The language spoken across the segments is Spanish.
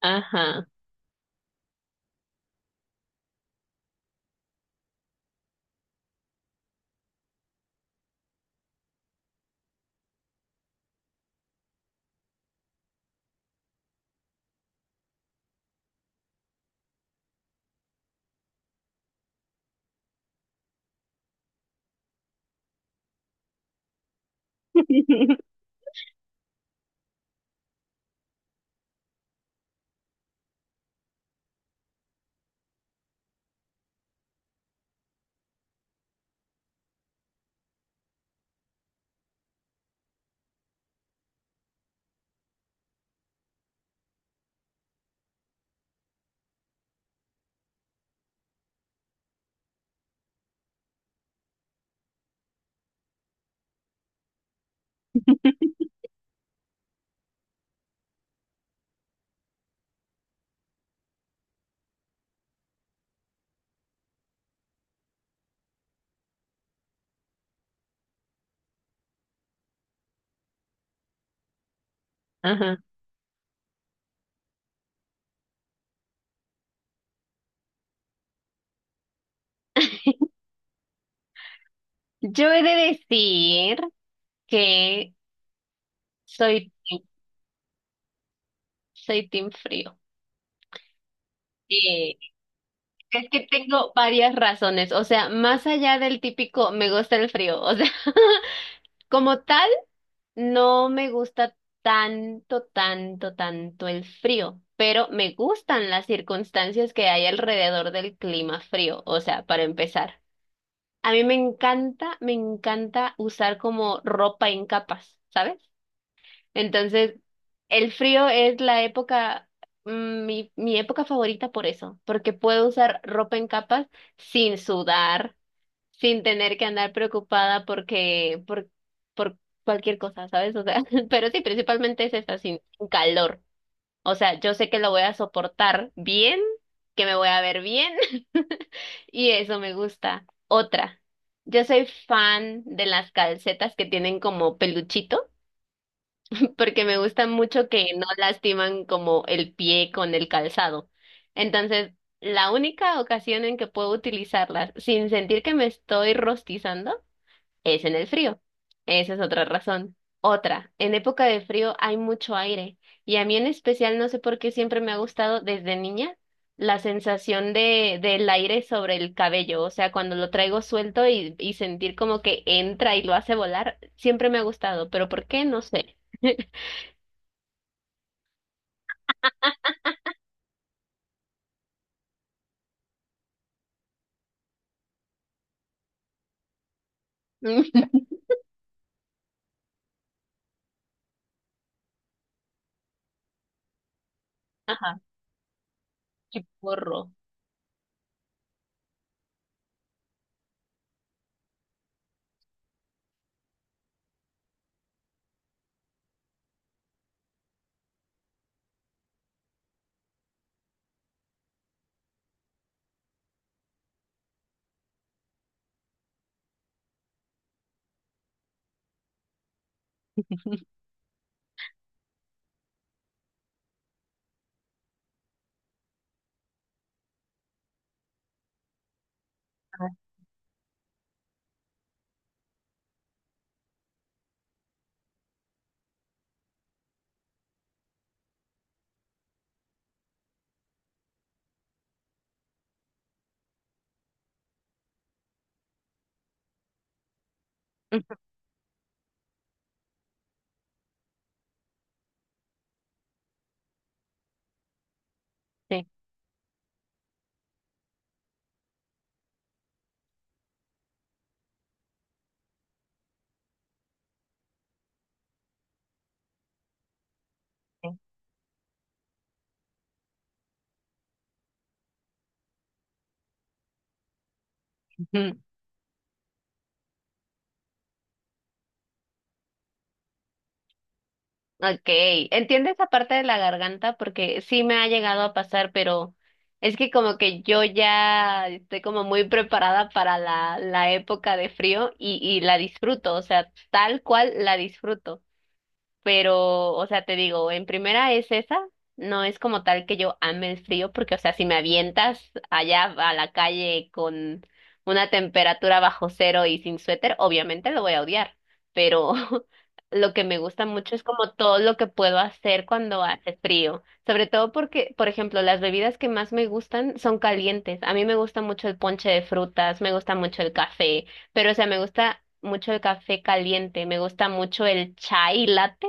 Ajá, ajá. Yo he de decir que soy, team- soy team frío. Eh, es que tengo varias razones, o sea, más allá del típico me gusta el frío, o sea, como tal, no me gusta tanto, tanto, tanto el frío, pero me gustan las circunstancias que hay alrededor del clima frío, o sea, para empezar. A mí me encanta usar como ropa en capas, ¿sabes? Entonces, el frío es la época, mi época favorita por eso, porque puedo usar ropa en capas sin sudar, sin tener que andar preocupada por cualquier cosa, ¿sabes? O sea, pero sí, principalmente es esa, sin calor. O sea, yo sé que lo voy a soportar bien, que me voy a ver bien, y eso me gusta. Otra, yo soy fan de las calcetas que tienen como peluchito porque me gusta mucho que no lastiman como el pie con el calzado. Entonces, la única ocasión en que puedo utilizarlas sin sentir que me estoy rostizando es en el frío. Esa es otra razón. Otra, en época de frío hay mucho aire y a mí en especial no sé por qué siempre me ha gustado desde niña la sensación de del aire sobre el cabello, o sea, cuando lo traigo suelto y sentir como que entra y lo hace volar, siempre me ha gustado, pero ¿por qué? No sé. Ajá, chiporro. Sí, sí. Ujú. Ok, entiendo esa parte de la garganta porque sí me ha llegado a pasar, pero es que como que yo ya estoy como muy preparada para la, la época de frío y la disfruto, o sea, tal cual la disfruto. Pero, o sea, te digo, en primera es esa, no es como tal que yo ame el frío, porque, o sea, si me avientas allá a la calle con una temperatura bajo cero y sin suéter, obviamente lo voy a odiar, pero lo que me gusta mucho es como todo lo que puedo hacer cuando hace frío, sobre todo porque, por ejemplo, las bebidas que más me gustan son calientes. A mí me gusta mucho el ponche de frutas, me gusta mucho el café. Pero, o sea, me gusta mucho el café caliente, me gusta mucho el chai latte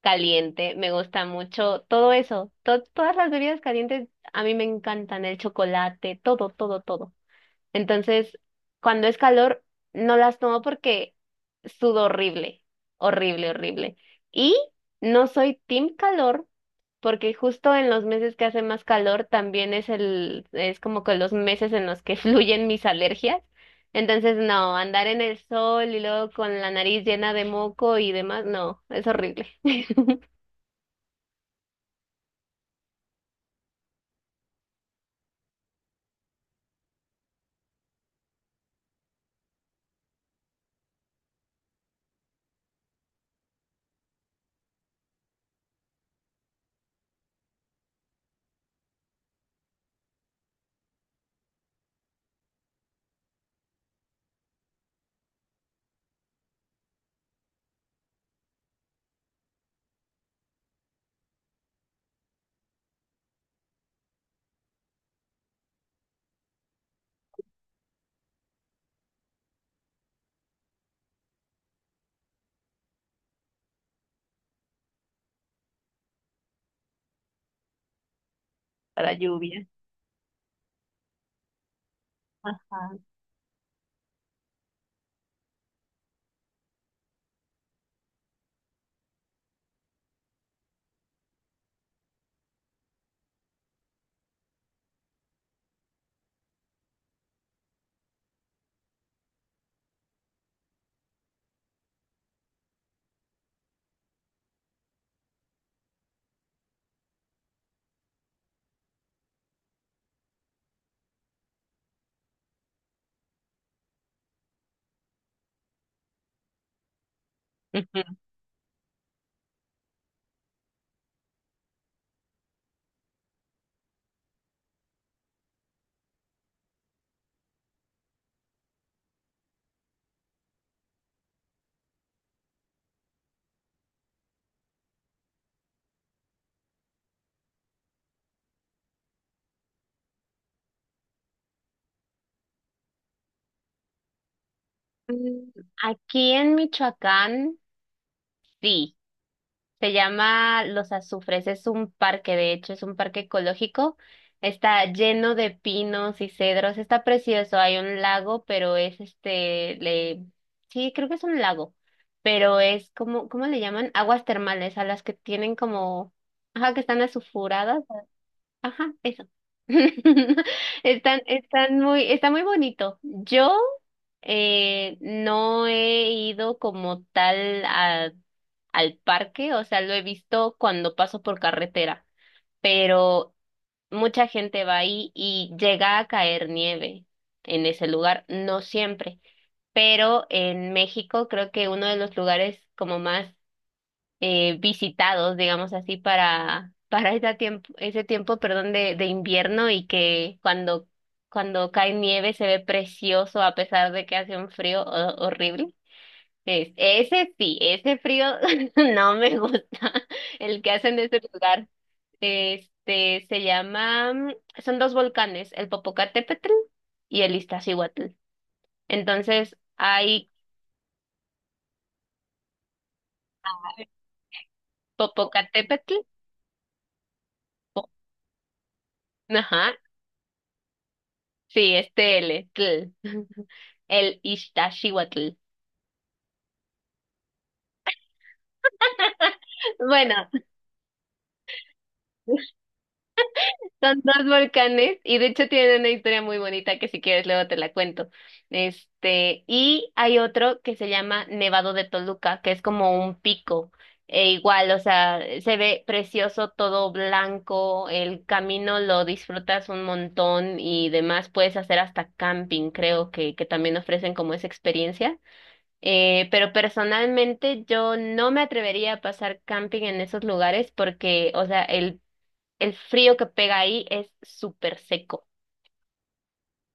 caliente, me gusta mucho todo eso. Todas las bebidas calientes a mí me encantan, el chocolate, todo, todo, todo. Entonces, cuando es calor, no las tomo porque sudo horrible, horrible, horrible. Y no soy team calor porque justo en los meses que hace más calor también es es como que los meses en los que fluyen mis alergias. Entonces, no, andar en el sol y luego con la nariz llena de moco y demás, no, es horrible. Para lluvia. Ajá. Ujú. Mm, aquí en Michoacán, sí. Se llama Los Azufres, es un parque, de hecho, es un parque ecológico. Está lleno de pinos y cedros, está precioso, hay un lago, pero es este, le... sí, creo que es un lago, pero es como, ¿cómo le llaman? Aguas termales, a las que tienen como, ajá, que están azufuradas, ajá, eso. Están, están muy, está muy bonito. Yo no he ido como tal a al parque, o sea, lo he visto cuando paso por carretera, pero mucha gente va ahí y llega a caer nieve en ese lugar, no siempre, pero en México creo que uno de los lugares como más visitados, digamos así, para, para ese tiempo, perdón, de invierno y que cuando cae nieve se ve precioso a pesar de que hace un frío horrible es, ese sí, ese frío no me gusta, el que hacen de ese lugar. Este se llama, mm, son dos volcanes, el Popocatépetl y el Iztaccíhuatl. Entonces hay Popocatépetl, po- ajá, sí, este L, tl, el Iztaccíhuatl. Bueno. Son dos volcanes y de hecho tienen una historia muy bonita que si quieres luego te la cuento. Este, y hay otro que se llama Nevado de Toluca, que es como un pico. E igual, o sea, se ve precioso, todo blanco, el camino lo disfrutas un montón y demás, puedes hacer hasta camping, creo que también ofrecen como esa experiencia. Pero personalmente yo no me atrevería a pasar camping en esos lugares porque, o sea, el frío que pega ahí es súper seco.